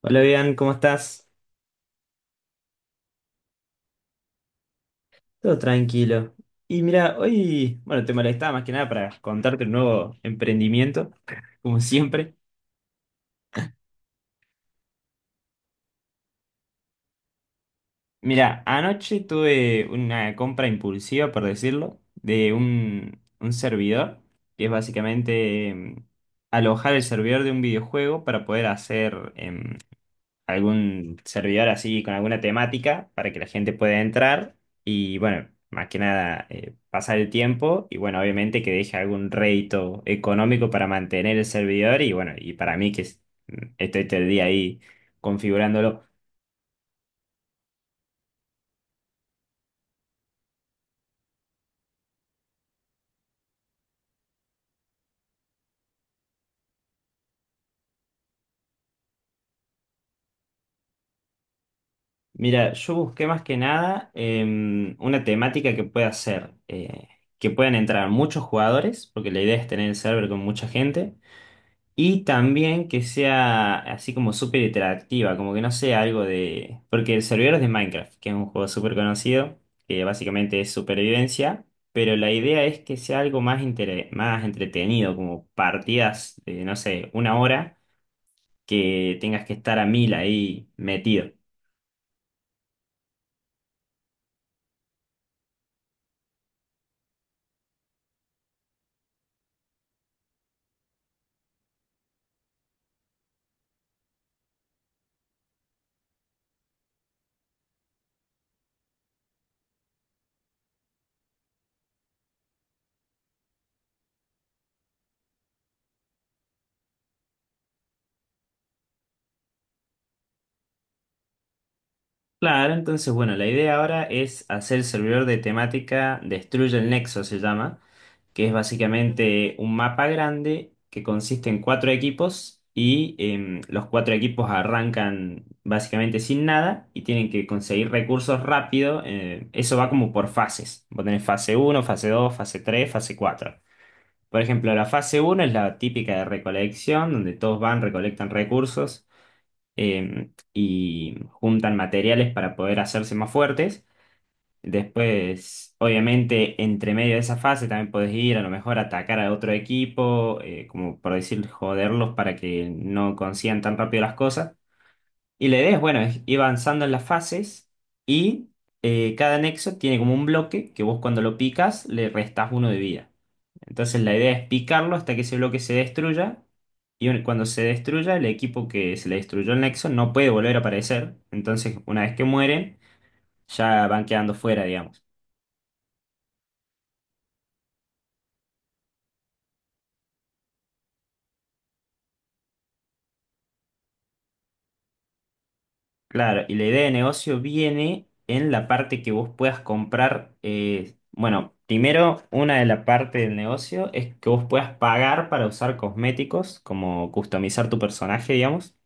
Hola, bien, ¿cómo estás? Todo tranquilo. Y mira, hoy, bueno, te molestaba más que nada para contarte un nuevo emprendimiento, como siempre. Mira, anoche tuve una compra impulsiva, por decirlo, de un servidor, que es básicamente alojar el servidor de un videojuego para poder hacer algún servidor así con alguna temática para que la gente pueda entrar y bueno, más que nada pasar el tiempo y bueno, obviamente que deje algún rédito económico para mantener el servidor y bueno, y para mí estoy todo el día ahí configurándolo. Mira, yo busqué más que nada una temática que pueda ser, que puedan entrar muchos jugadores, porque la idea es tener el server con mucha gente. Y también que sea así como súper interactiva, como que no sea algo de. Porque el servidor es de Minecraft, que es un juego súper conocido, que básicamente es supervivencia, pero la idea es que sea algo más entretenido, como partidas de, no sé, una hora, que tengas que estar a mil ahí metido. Claro, entonces bueno, la idea ahora es hacer el servidor de temática Destruye el Nexo, se llama, que es básicamente un mapa grande que consiste en cuatro equipos y los cuatro equipos arrancan básicamente sin nada y tienen que conseguir recursos rápido. Eso va como por fases. Vos tenés fase uno, fase dos, fase tres, fase cuatro. Por ejemplo, la fase uno es la típica de recolección, donde todos van, recolectan recursos y juntan materiales para poder hacerse más fuertes. Después, obviamente, entre medio de esa fase también podés ir a lo mejor a atacar a otro equipo, como por decir, joderlos para que no consigan tan rápido las cosas. Y la idea es, bueno, es ir avanzando en las fases y cada nexo tiene como un bloque que vos cuando lo picas le restás uno de vida. Entonces la idea es picarlo hasta que ese bloque se destruya y cuando se destruya el equipo que se le destruyó el nexo no puede volver a aparecer. Entonces una vez que mueren ya van quedando fuera, digamos. Claro, y la idea de negocio viene en la parte que vos puedas comprar, bueno, primero una de la parte del negocio es que vos puedas pagar para usar cosméticos, como customizar tu personaje, digamos.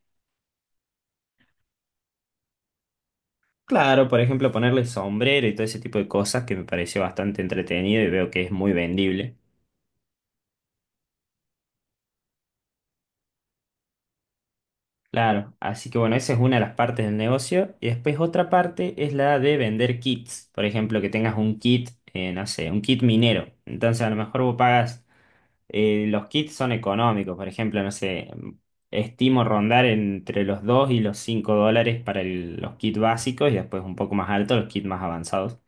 Claro, por ejemplo, ponerle sombrero y todo ese tipo de cosas que me pareció bastante entretenido y veo que es muy vendible. Claro, así que bueno, esa es una de las partes del negocio. Y después otra parte es la de vender kits. Por ejemplo, que tengas un kit, no sé, un kit minero. Entonces a lo mejor vos pagas. Los kits son económicos, por ejemplo, no sé, estimo rondar entre los 2 y los $5 para los kits básicos y después un poco más alto los kits más avanzados.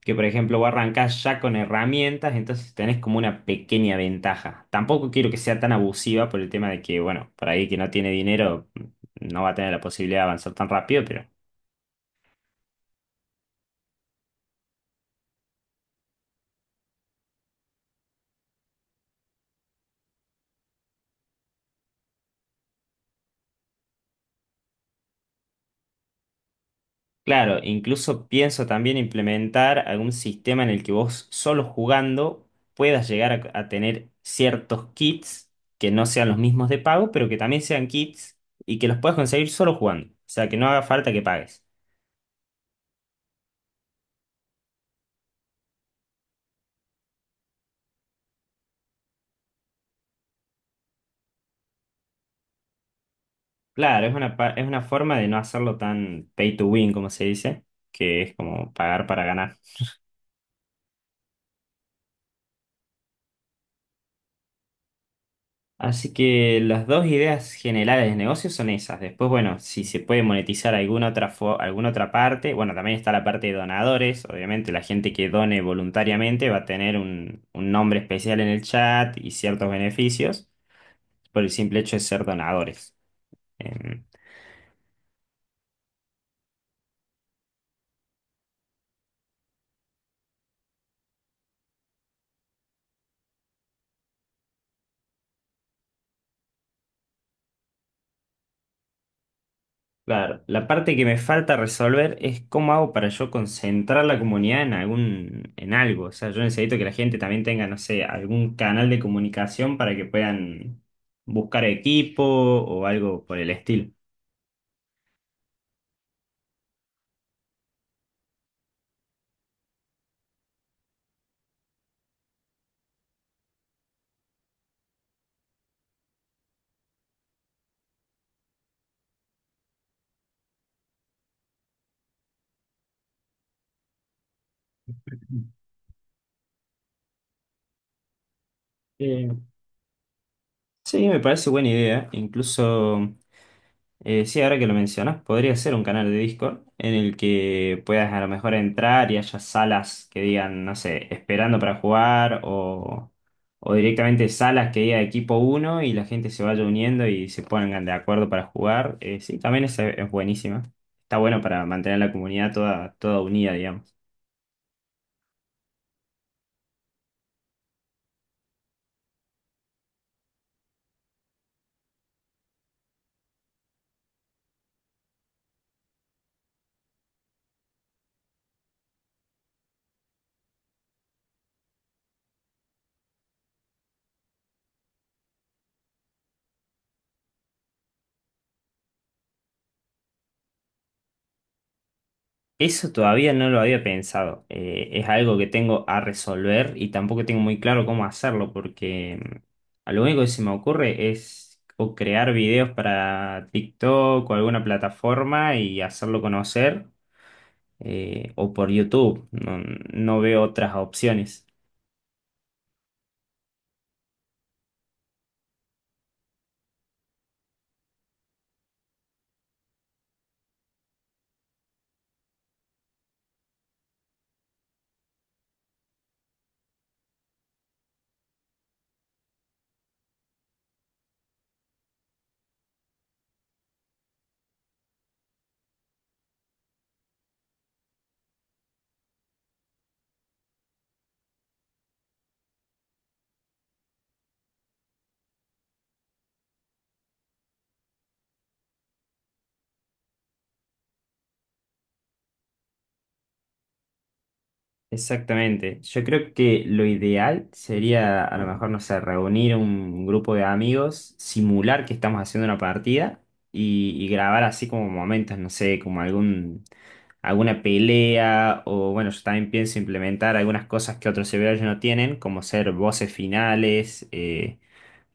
Que por ejemplo vos arrancás ya con herramientas, entonces tenés como una pequeña ventaja. Tampoco quiero que sea tan abusiva por el tema de que, bueno, por ahí que no tiene dinero no va a tener la posibilidad de avanzar tan rápido, pero. Claro, incluso pienso también implementar algún sistema en el que vos solo jugando puedas llegar a tener ciertos kits que no sean los mismos de pago, pero que también sean kits y que los puedas conseguir solo jugando. O sea, que no haga falta que pagues. Claro, es una forma de no hacerlo tan pay to win, como se dice, que es como pagar para ganar. Así que las dos ideas generales de negocio son esas. Después, bueno, si se puede monetizar alguna otra, alguna otra parte, bueno, también está la parte de donadores. Obviamente, la gente que done voluntariamente va a tener un nombre especial en el chat y ciertos beneficios por el simple hecho de ser donadores. Em, Claro, la parte que me falta resolver es cómo hago para yo concentrar la comunidad en en algo. O sea, yo necesito que la gente también tenga, no sé, algún canal de comunicación para que puedan buscar equipo o algo por el estilo. Eh, sí, me parece buena idea. Incluso, sí, ahora que lo mencionas, podría ser un canal de Discord en el que puedas a lo mejor entrar y haya salas que digan, no sé, esperando para jugar o directamente salas que diga equipo uno y la gente se vaya uniendo y se pongan de acuerdo para jugar. Sí, también esa es buenísima. Está bueno para mantener la comunidad toda, toda unida, digamos. Eso todavía no lo había pensado. Es algo que tengo a resolver y tampoco tengo muy claro cómo hacerlo porque a lo único que se me ocurre es o crear videos para TikTok o alguna plataforma y hacerlo conocer o por YouTube. No, no veo otras opciones. Exactamente. Yo creo que lo ideal sería, a lo mejor, no sé, reunir un grupo de amigos, simular que estamos haciendo una partida y grabar así como momentos, no sé, como alguna pelea o bueno, yo también pienso implementar algunas cosas que otros servidores no tienen, como ser voces finales,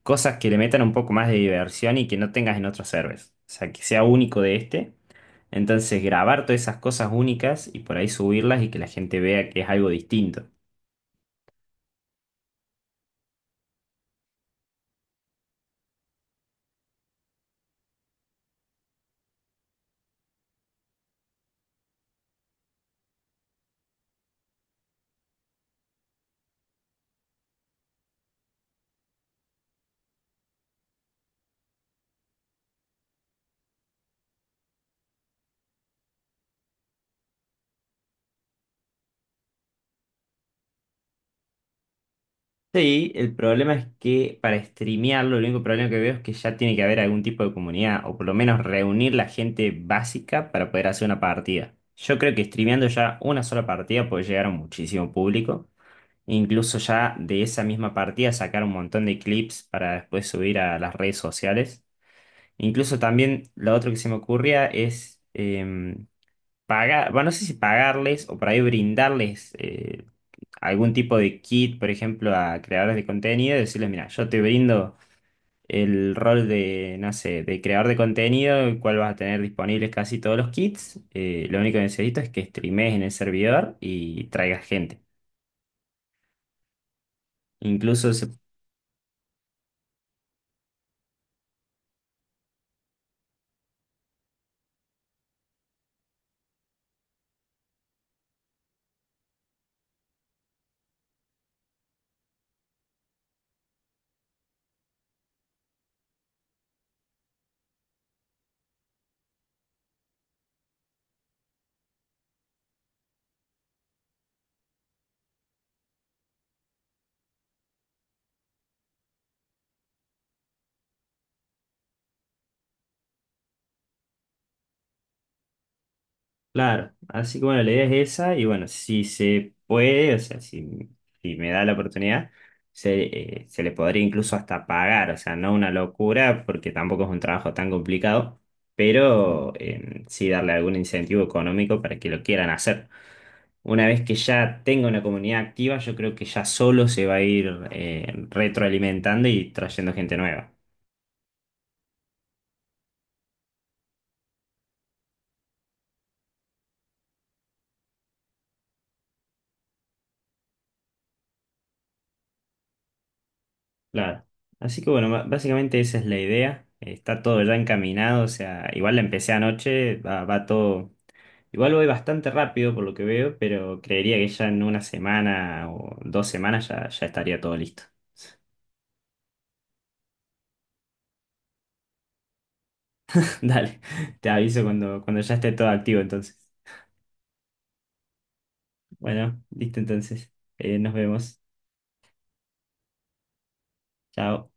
cosas que le metan un poco más de diversión y que no tengas en otros servers. O sea, que sea único de este. Entonces, grabar todas esas cosas únicas y por ahí subirlas y que la gente vea que es algo distinto. Sí, el problema es que para streamearlo, el único problema que veo es que ya tiene que haber algún tipo de comunidad o por lo menos reunir la gente básica para poder hacer una partida. Yo creo que streameando ya una sola partida puede llegar a muchísimo público. Incluso ya de esa misma partida sacar un montón de clips para después subir a las redes sociales. Incluso también lo otro que se me ocurría es pagar, bueno, no sé si pagarles o por ahí brindarles algún tipo de kit, por ejemplo, a creadores de contenido, decirles, mira, yo te brindo el rol de, no sé, de creador de contenido, el cual vas a tener disponibles casi todos los kits. Lo único que necesito es que streamees en el servidor y traigas gente. Incluso se Claro, así que bueno, la idea es esa y bueno, si se puede, o sea, si, si me da la oportunidad, se, se le podría incluso hasta pagar, o sea, no una locura porque tampoco es un trabajo tan complicado, pero sí darle algún incentivo económico para que lo quieran hacer. Una vez que ya tenga una comunidad activa, yo creo que ya solo se va a ir retroalimentando y trayendo gente nueva. Claro. Así que bueno, básicamente esa es la idea. Está todo ya encaminado, o sea, igual la empecé anoche, va, va todo. Igual voy bastante rápido por lo que veo, pero creería que ya en una semana o 2 semanas ya, ya estaría todo listo. Dale, te aviso cuando ya esté todo activo entonces. Bueno, listo entonces. Nos vemos. Chao.